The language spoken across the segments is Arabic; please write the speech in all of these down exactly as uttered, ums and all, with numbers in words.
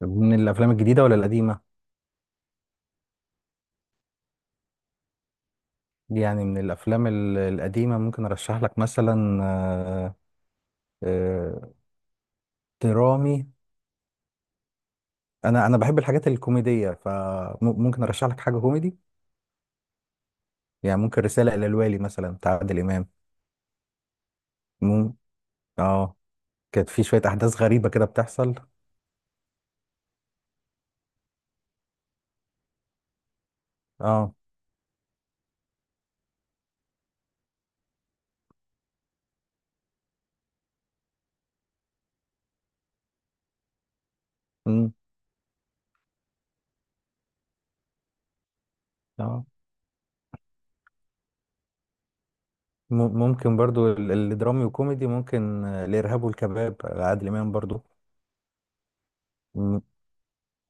من الافلام الجديده ولا القديمه؟ يعني من الافلام ال- القديمه ممكن ارشح لك، مثلا آه، آه، درامي. انا انا بحب الحاجات الكوميديه، فممكن ارشح لك حاجه كوميدي. يعني ممكن رساله الى الوالي مثلا، بتاع عادل امام. مم. اه، كانت في شويه احداث غريبه كده بتحصل. اه. مم. اه، م- ممكن برضو ال- الدرامي وكوميدي، ممكن آه، الارهاب والكباب عادل امام برضو. مم.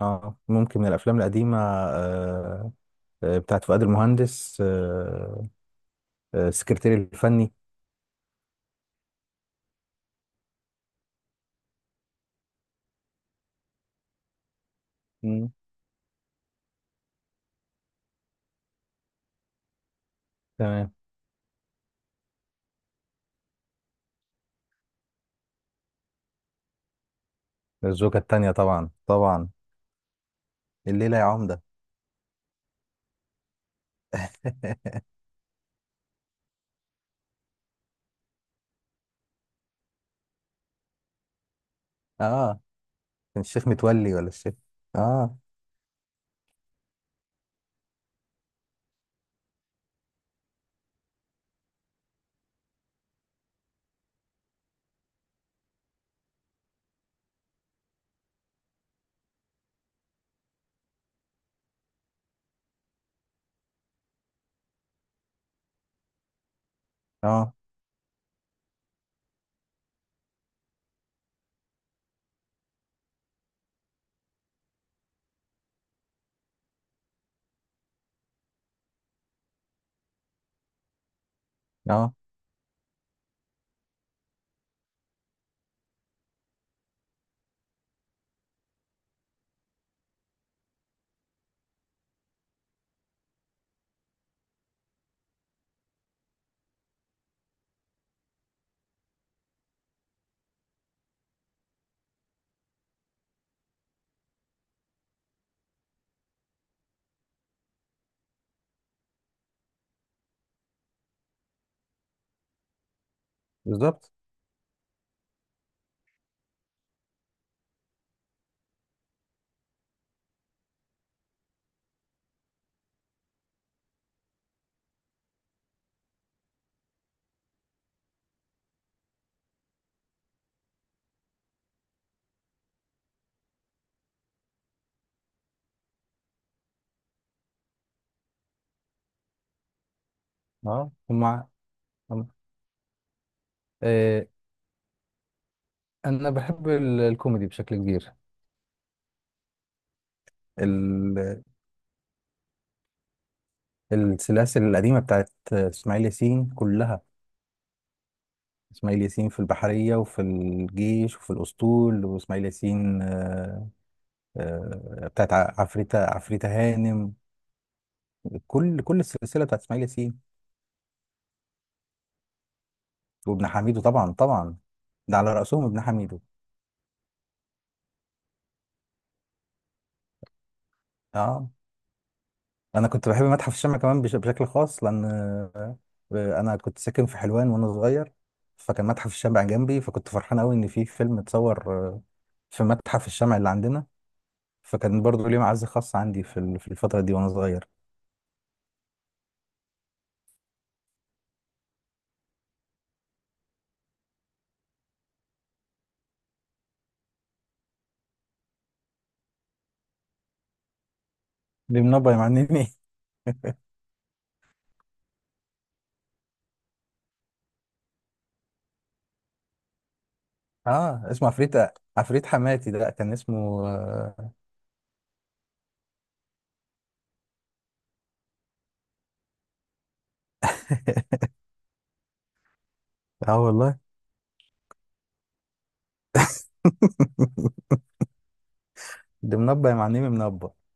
اه، ممكن من الافلام القديمه، آه، آه، بتاعت فؤاد المهندس، آه، آه، السكرتير الفني. مم. تمام. الزوجة التانية، طبعا طبعا. الليلة يا عمدة. اه، كان الشيخ متولي ولا الشيخ؟ اه. اه. اه، بالظبط. اه. هم هم- آه، انا بحب ال- الكوميدي بشكل كبير. ال- السلاسل القديمة بتاعت اسماعيل ياسين كلها. اسماعيل ياسين في البحرية وفي الجيش وفي الأسطول، واسماعيل ياسين آه آه بتاعت ع- عفريتة عفريتة هانم. كل كل السلسله بتاعت اسماعيل ياسين. وابن حميدو، طبعا طبعا. ده على راسهم ابن حميدو. اه، انا كنت بحب متحف الشمع كمان بش- بشكل خاص، لان آه، انا كنت ساكن في حلوان وانا صغير. فكان متحف الشمع جنبي، فكنت فرحان قوي ان في فيلم اتصور آه، في متحف الشمع اللي عندنا. فكان برضو ليه معزه خاصه عندي في ال- في الفتره دي وانا صغير. دي منبه يا معلمي. اه، اسمه عفريت عفريت حماتي، ده كان اسمه، اه. آه والله. ده منبه يا معلمي، منبه.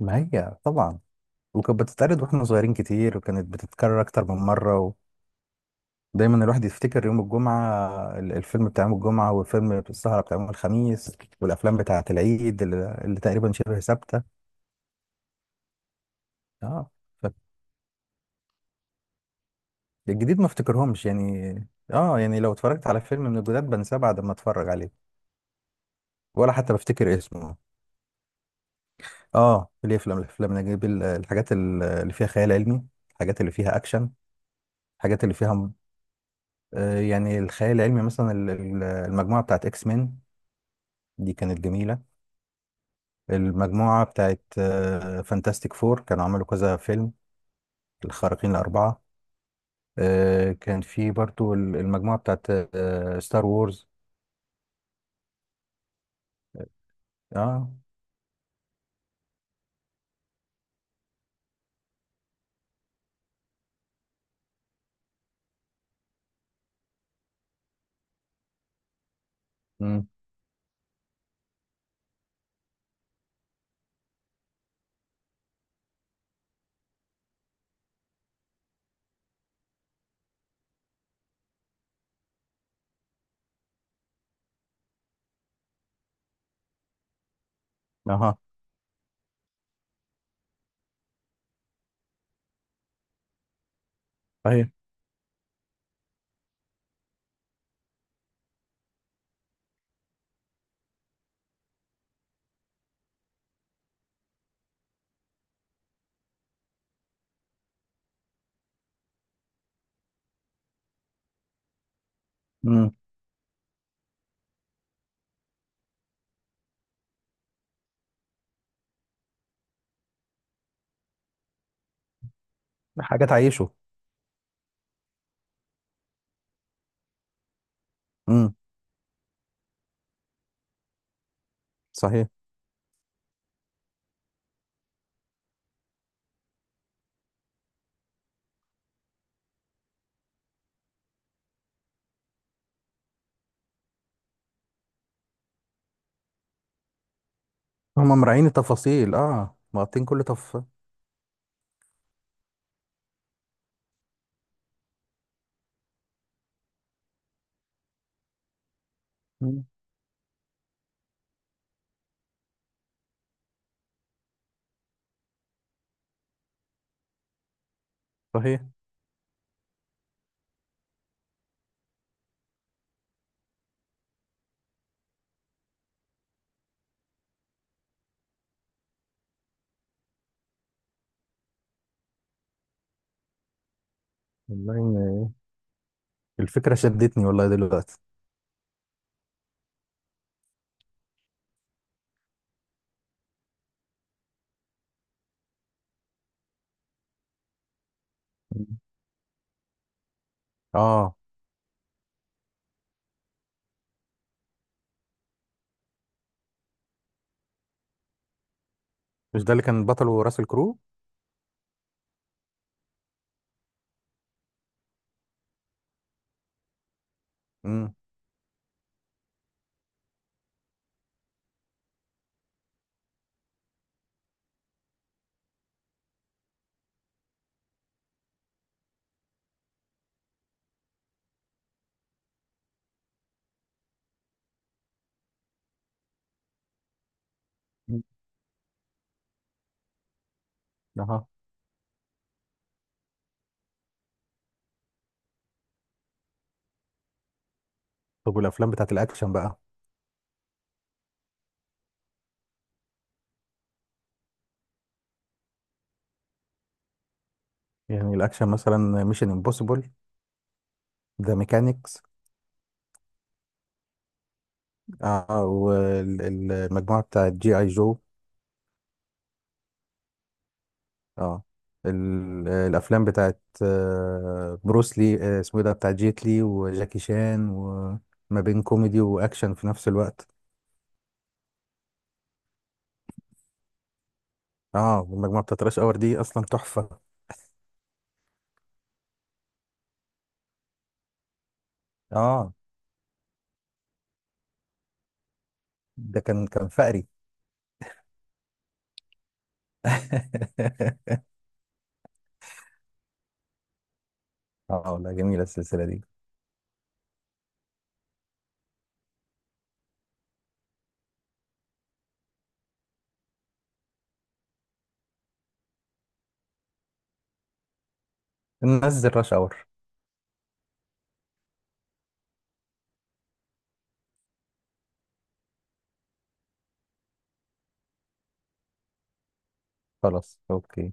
ما هي طبعا. وكانت بتتعرض واحنا صغيرين كتير، وكانت بتتكرر اكتر من مره. ودايما الواحد يفتكر يوم الجمعه، ال- الفيلم بتاع يوم الجمعه، والفيلم السهره بتاع يوم الخميس، والافلام بتاعه العيد اللي, اللي تقريبا شبه ثابته. اه، فالجديد ما افتكرهمش يعني. اه، يعني لو اتفرجت على فيلم من الجداد بنساه بعد ما اتفرج عليه، ولا حتى بفتكر اسمه. اه، ليه افلام، الافلام نجيب ال- الحاجات ال- اللي فيها خيال علمي، الحاجات اللي فيها اكشن، الحاجات اللي فيها آه، يعني الخيال العلمي، مثلا ال- ال- المجموعة بتاعت اكس مان، دي كانت جميلة. المجموعة بتاعت فانتاستيك فور، كانوا عملوا كذا فيلم، الخارقين الأربعة. آه، كان في برضو ال- المجموعة بتاعت ستار وورز. اه. امم. اها. صحيح. امم. حاجة تعيشه. امم. صحيح. هم مراعين التفاصيل، اه مغطين كل تفصيل. مم. صحيح. والله إن الفكرة شدتني، والله، دلوقتي. مم. اه، مش ده اللي كان بطله راسل كرو؟ امم. اها. طب والافلام بتاعت الاكشن بقى؟ يعني الاكشن، مثلا ميشن امبوسيبل، ذا ميكانيكس. اه، والمجموعه بتاعت جي اي جو. اه. ال- الافلام بتاعت آه، بروس لي، آه، اسمه إيه ده، بتاع جيت لي وجاكي شان، وما بين كوميدي واكشن في نفس الوقت. اه، والمجموعه بتاعت راش اور دي اصلا تحفه. اه، ده كان كان فقري. اه، لا، جميله السلسله دي. ننزل راش اور. خلاص اوكي.